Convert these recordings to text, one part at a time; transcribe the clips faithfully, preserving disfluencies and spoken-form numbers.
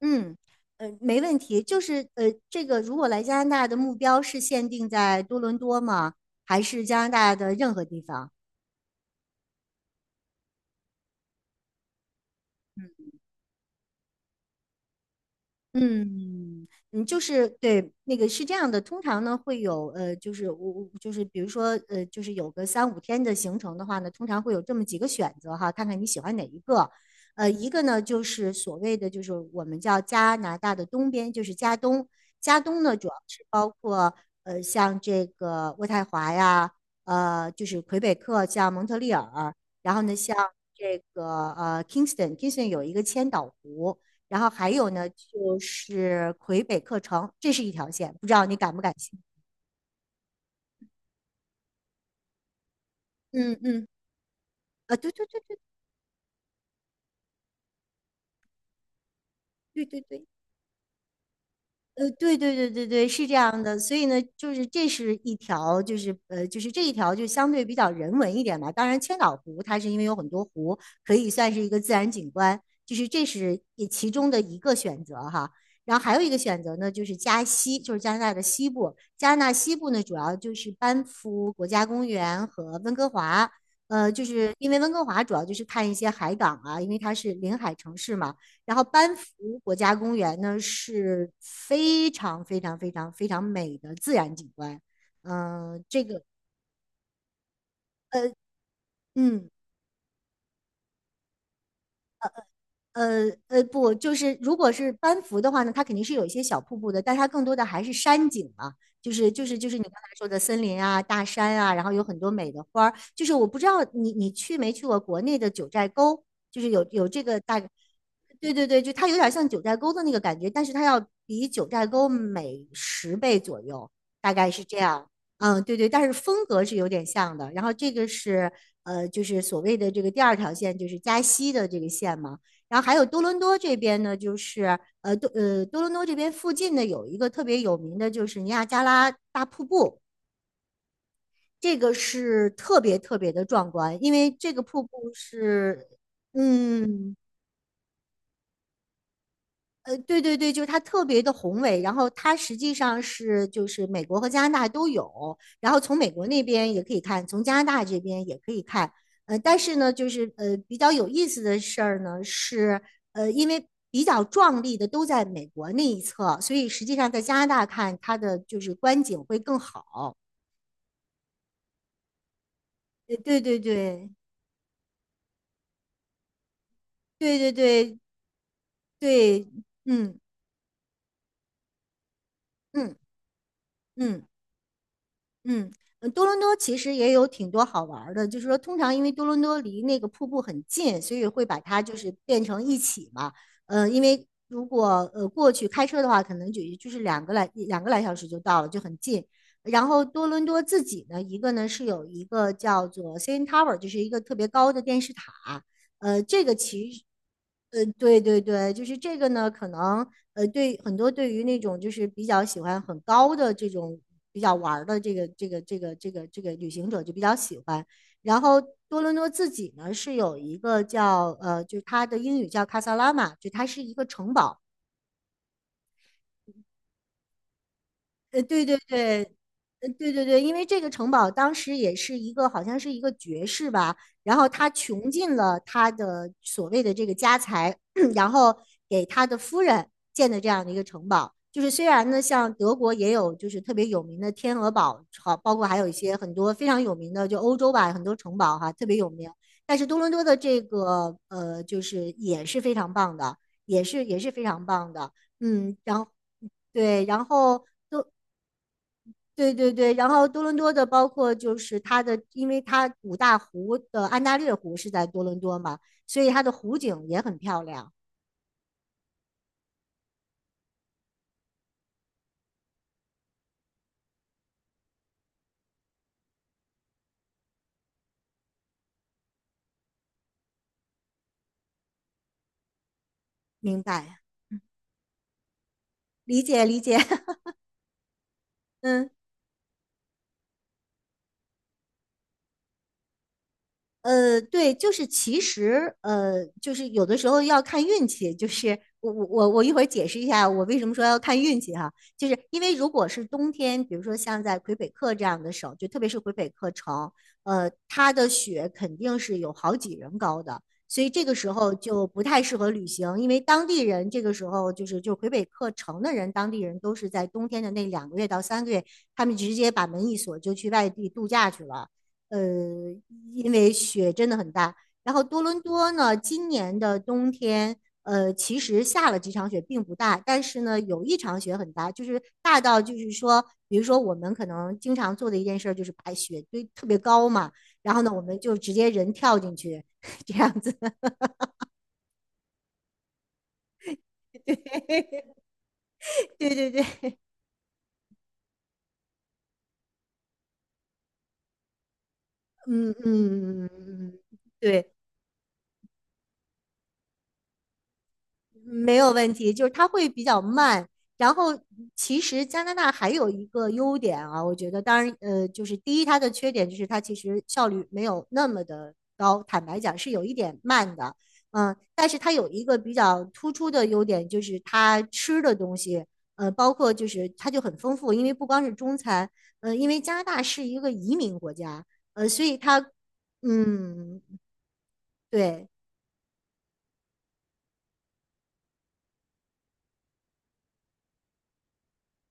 嗯，呃，没问题。就是呃，这个如果来加拿大的目标是限定在多伦多吗？还是加拿大的任何地方？嗯嗯，嗯，就是对那个是这样的，通常呢会有呃，就是我我就是比如说呃，就是有个三五天的行程的话呢，通常会有这么几个选择哈，看看你喜欢哪一个。呃，一个呢就是所谓的就是我们叫加拿大的东边，就是加东。加东呢主要是包括呃像这个渥太华呀，呃就是魁北克，像蒙特利尔，然后呢像这个呃 Kingston，Kingston 有一个千岛湖。然后还有呢，就是魁北克城，这是一条线，不知道你感不感兴趣？嗯嗯，啊，对对对对对对对，呃，对对对对对，是这样的，所以呢，就是这是一条，就是呃，就是这一条就相对比较人文一点吧。当然，千岛湖它是因为有很多湖，可以算是一个自然景观，就是这是也其中的一个选择哈。然后还有一个选择呢，就是加西，就是加拿大的西部。加拿大西部呢，主要就是班夫国家公园和温哥华。呃，就是因为温哥华主要就是看一些海港啊，因为它是临海城市嘛。然后班夫国家公园呢是非常非常非常非常美的自然景观，嗯、呃这个呃嗯呃呃，不，就是如果是班服的话呢，它肯定是有一些小瀑布的，但它更多的还是山景嘛，就是就是就是你刚才说的森林啊、大山啊，然后有很多美的花儿。就是我不知道你你去没去过国内的九寨沟，就是有有这个大，对对对，就它有点像九寨沟的那个感觉，但是它要比九寨沟美十倍左右，大概是这样。嗯，对对，但是风格是有点像的。然后这个是呃，就是所谓的这个第二条线，就是加西的这个线嘛。然后还有多伦多这边呢，就是呃多呃多伦多这边附近呢有一个特别有名的，就是尼亚加拉大瀑布，这个是特别特别的壮观，因为这个瀑布是，嗯，呃，对对对，就是它特别的宏伟，然后它实际上是就是美国和加拿大都有，然后从美国那边也可以看，从加拿大这边也可以看，呃，但是呢，就是呃比较有意思的事儿呢是，呃，因为比较壮丽的都在美国那一侧，所以实际上在加拿大看它的就是观景会更好。呃，对对对对对对对，嗯嗯嗯。嗯嗯，呃多伦多其实也有挺多好玩儿的，就是说，通常因为多伦多离那个瀑布很近，所以会把它就是变成一起嘛。呃，因为如果呃过去开车的话，可能就就是两个来两个来小时就到了，就很近。然后多伦多自己呢，一个呢是有一个叫做 C N Tower，就是一个特别高的电视塔。呃，这个其实，呃，对对对，就是这个呢，可能。呃，对很多对于那种就是比较喜欢很高的这种比较玩儿的这个这个这个这个这个旅行者就比较喜欢。然后多伦多自己呢是有一个叫呃，就是它的英语叫卡萨拉玛，就它是一个城堡。呃，对对对，呃，对对对，因为这个城堡当时也是一个，好像是一个爵士吧，然后他穷尽了他的所谓的这个家财，然后给他的夫人建的这样的一个城堡。就是虽然呢，像德国也有就是特别有名的天鹅堡，好，包括还有一些很多非常有名的，就欧洲吧，很多城堡哈，特别有名。但是多伦多的这个呃，就是也是非常棒的，也是也是非常棒的。嗯，然后对，然后对对对，然后多伦多的包括就是它的，因为它五大湖的安大略湖是在多伦多嘛，所以它的湖景也很漂亮。明白，理解理解，嗯。呃，对，就是其实，呃，就是有的时候要看运气。就是我我我我一会儿解释一下我为什么说要看运气哈，就是因为如果是冬天，比如说像在魁北克这样的省，就特别是魁北克城，呃，它的雪肯定是有好几人高的，所以这个时候就不太适合旅行，因为当地人这个时候就是就魁北克城的人，当地人都是在冬天的那两个月到三个月，他们直接把门一锁就去外地度假去了。呃，因为雪真的很大。然后多伦多呢，今年的冬天，呃，其实下了几场雪，并不大，但是呢，有一场雪很大，就是大到就是说，比如说我们可能经常做的一件事儿就是把雪堆特别高嘛，然后呢，我们就直接人跳进去，这样子。对对对，嗯嗯嗯嗯嗯，嗯对。没有问题，就是它会比较慢。然后，其实加拿大还有一个优点啊，我觉得，当然，呃，就是第一，它的缺点就是它其实效率没有那么的高，坦白讲是有一点慢的，嗯，但是它有一个比较突出的优点，就是它吃的东西，呃，包括就是它就很丰富，因为不光是中餐，呃，因为加拿大是一个移民国家，呃，所以它，嗯，对。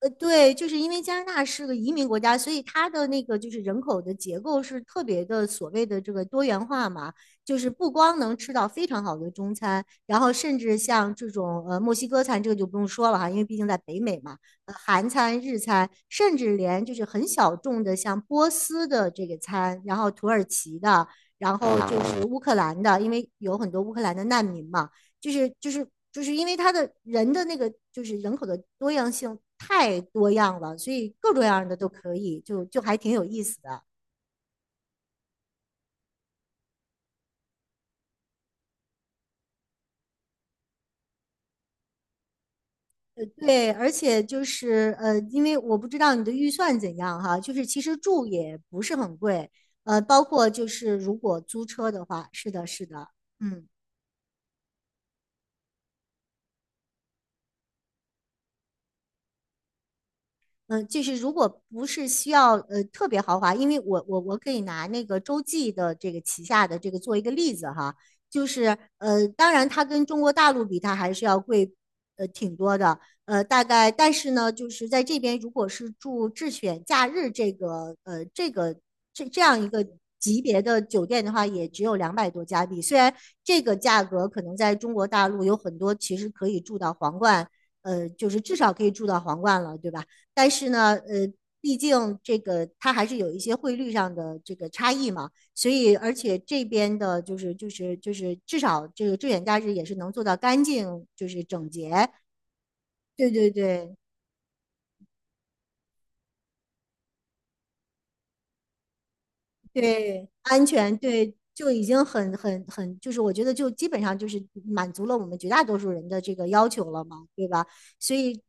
呃，对，就是因为加拿大是个移民国家，所以它的那个就是人口的结构是特别的所谓的这个多元化嘛，就是不光能吃到非常好的中餐，然后甚至像这种呃墨西哥餐，这个就不用说了哈，因为毕竟在北美嘛，呃韩餐、日餐，甚至连就是很小众的像波斯的这个餐，然后土耳其的，然后就是乌克兰的，因为有很多乌克兰的难民嘛。就是就是就是因为它的人的那个就是人口的多样性太多样了，所以各种样的都可以，就就还挺有意思的。对，而且就是呃，因为我不知道你的预算怎样哈，就是其实住也不是很贵，呃，包括就是如果租车的话，是的，是的，嗯。嗯、呃就是如果不是需要呃特别豪华，因为我我我可以拿那个洲际的这个旗下的这个做一个例子哈，就是呃，当然它跟中国大陆比，它还是要贵呃挺多的，呃，大概但是呢，就是在这边如果是住智选假日这个呃这个这这样一个。级别的酒店的话，也只有两百多加币。虽然这个价格可能在中国大陆有很多，其实可以住到皇冠，呃，就是至少可以住到皇冠了，对吧？但是呢，呃，毕竟这个它还是有一些汇率上的这个差异嘛，所以而且这边的就是就是就是至少这个坠险假日也是能做到干净，就是整洁，对对对对，安全对。就已经很很很，就是我觉得就基本上就是满足了我们绝大多数人的这个要求了嘛，对吧？所以，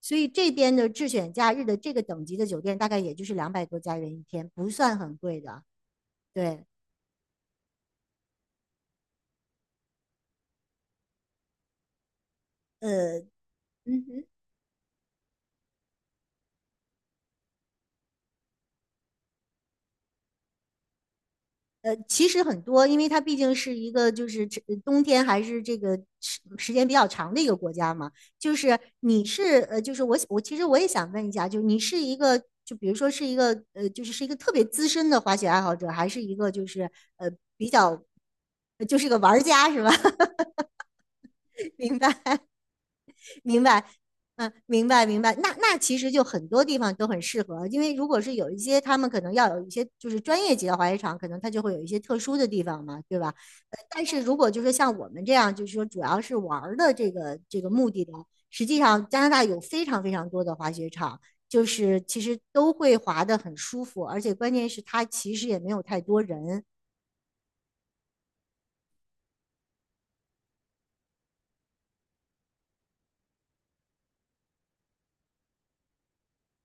所以这边的智选假日的这个等级的酒店大概也就是两百多加元一天，不算很贵的。对，呃，嗯哼，呃，其实很多，因为它毕竟是一个就是这呃冬天还是这个时时间比较长的一个国家嘛。就是你是呃，就是我我其实我也想问一下，就是你是一个就比如说是一个呃，就是是一个特别资深的滑雪爱好者，还是一个就是呃比较呃就是一个玩家是吧？明白。明白，嗯，明白明白。那那其实就很多地方都很适合，因为如果是有一些他们可能要有一些就是专业级的滑雪场，可能它就会有一些特殊的地方嘛，对吧？呃，但是如果就是像我们这样，就是说主要是玩儿的这个这个目的呢，实际上加拿大有非常非常多的滑雪场，就是其实都会滑得很舒服，而且关键是它其实也没有太多人。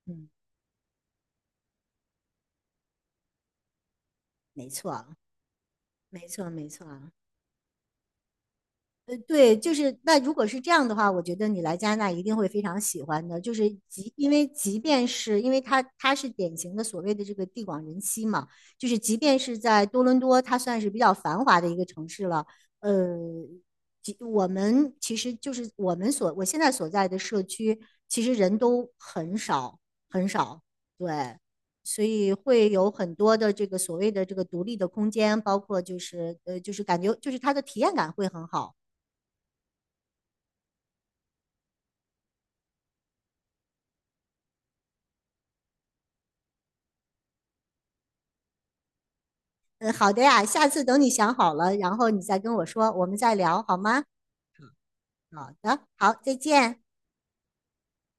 嗯，没错，没错，没错。呃，对，就是那如果是这样的话，我觉得你来加拿大一定会非常喜欢的。就是即因为即便是因为它它是典型的所谓的这个地广人稀嘛，就是即便是在多伦多，它算是比较繁华的一个城市了。呃，即我们其实就是我们所我现在所在的社区，其实人都很少很少，对。所以会有很多的这个所谓的这个独立的空间，包括就是呃，就是感觉就是它的体验感会很好。嗯，好的呀，下次等你想好了，然后你再跟我说，我们再聊好吗？好的，好，再见。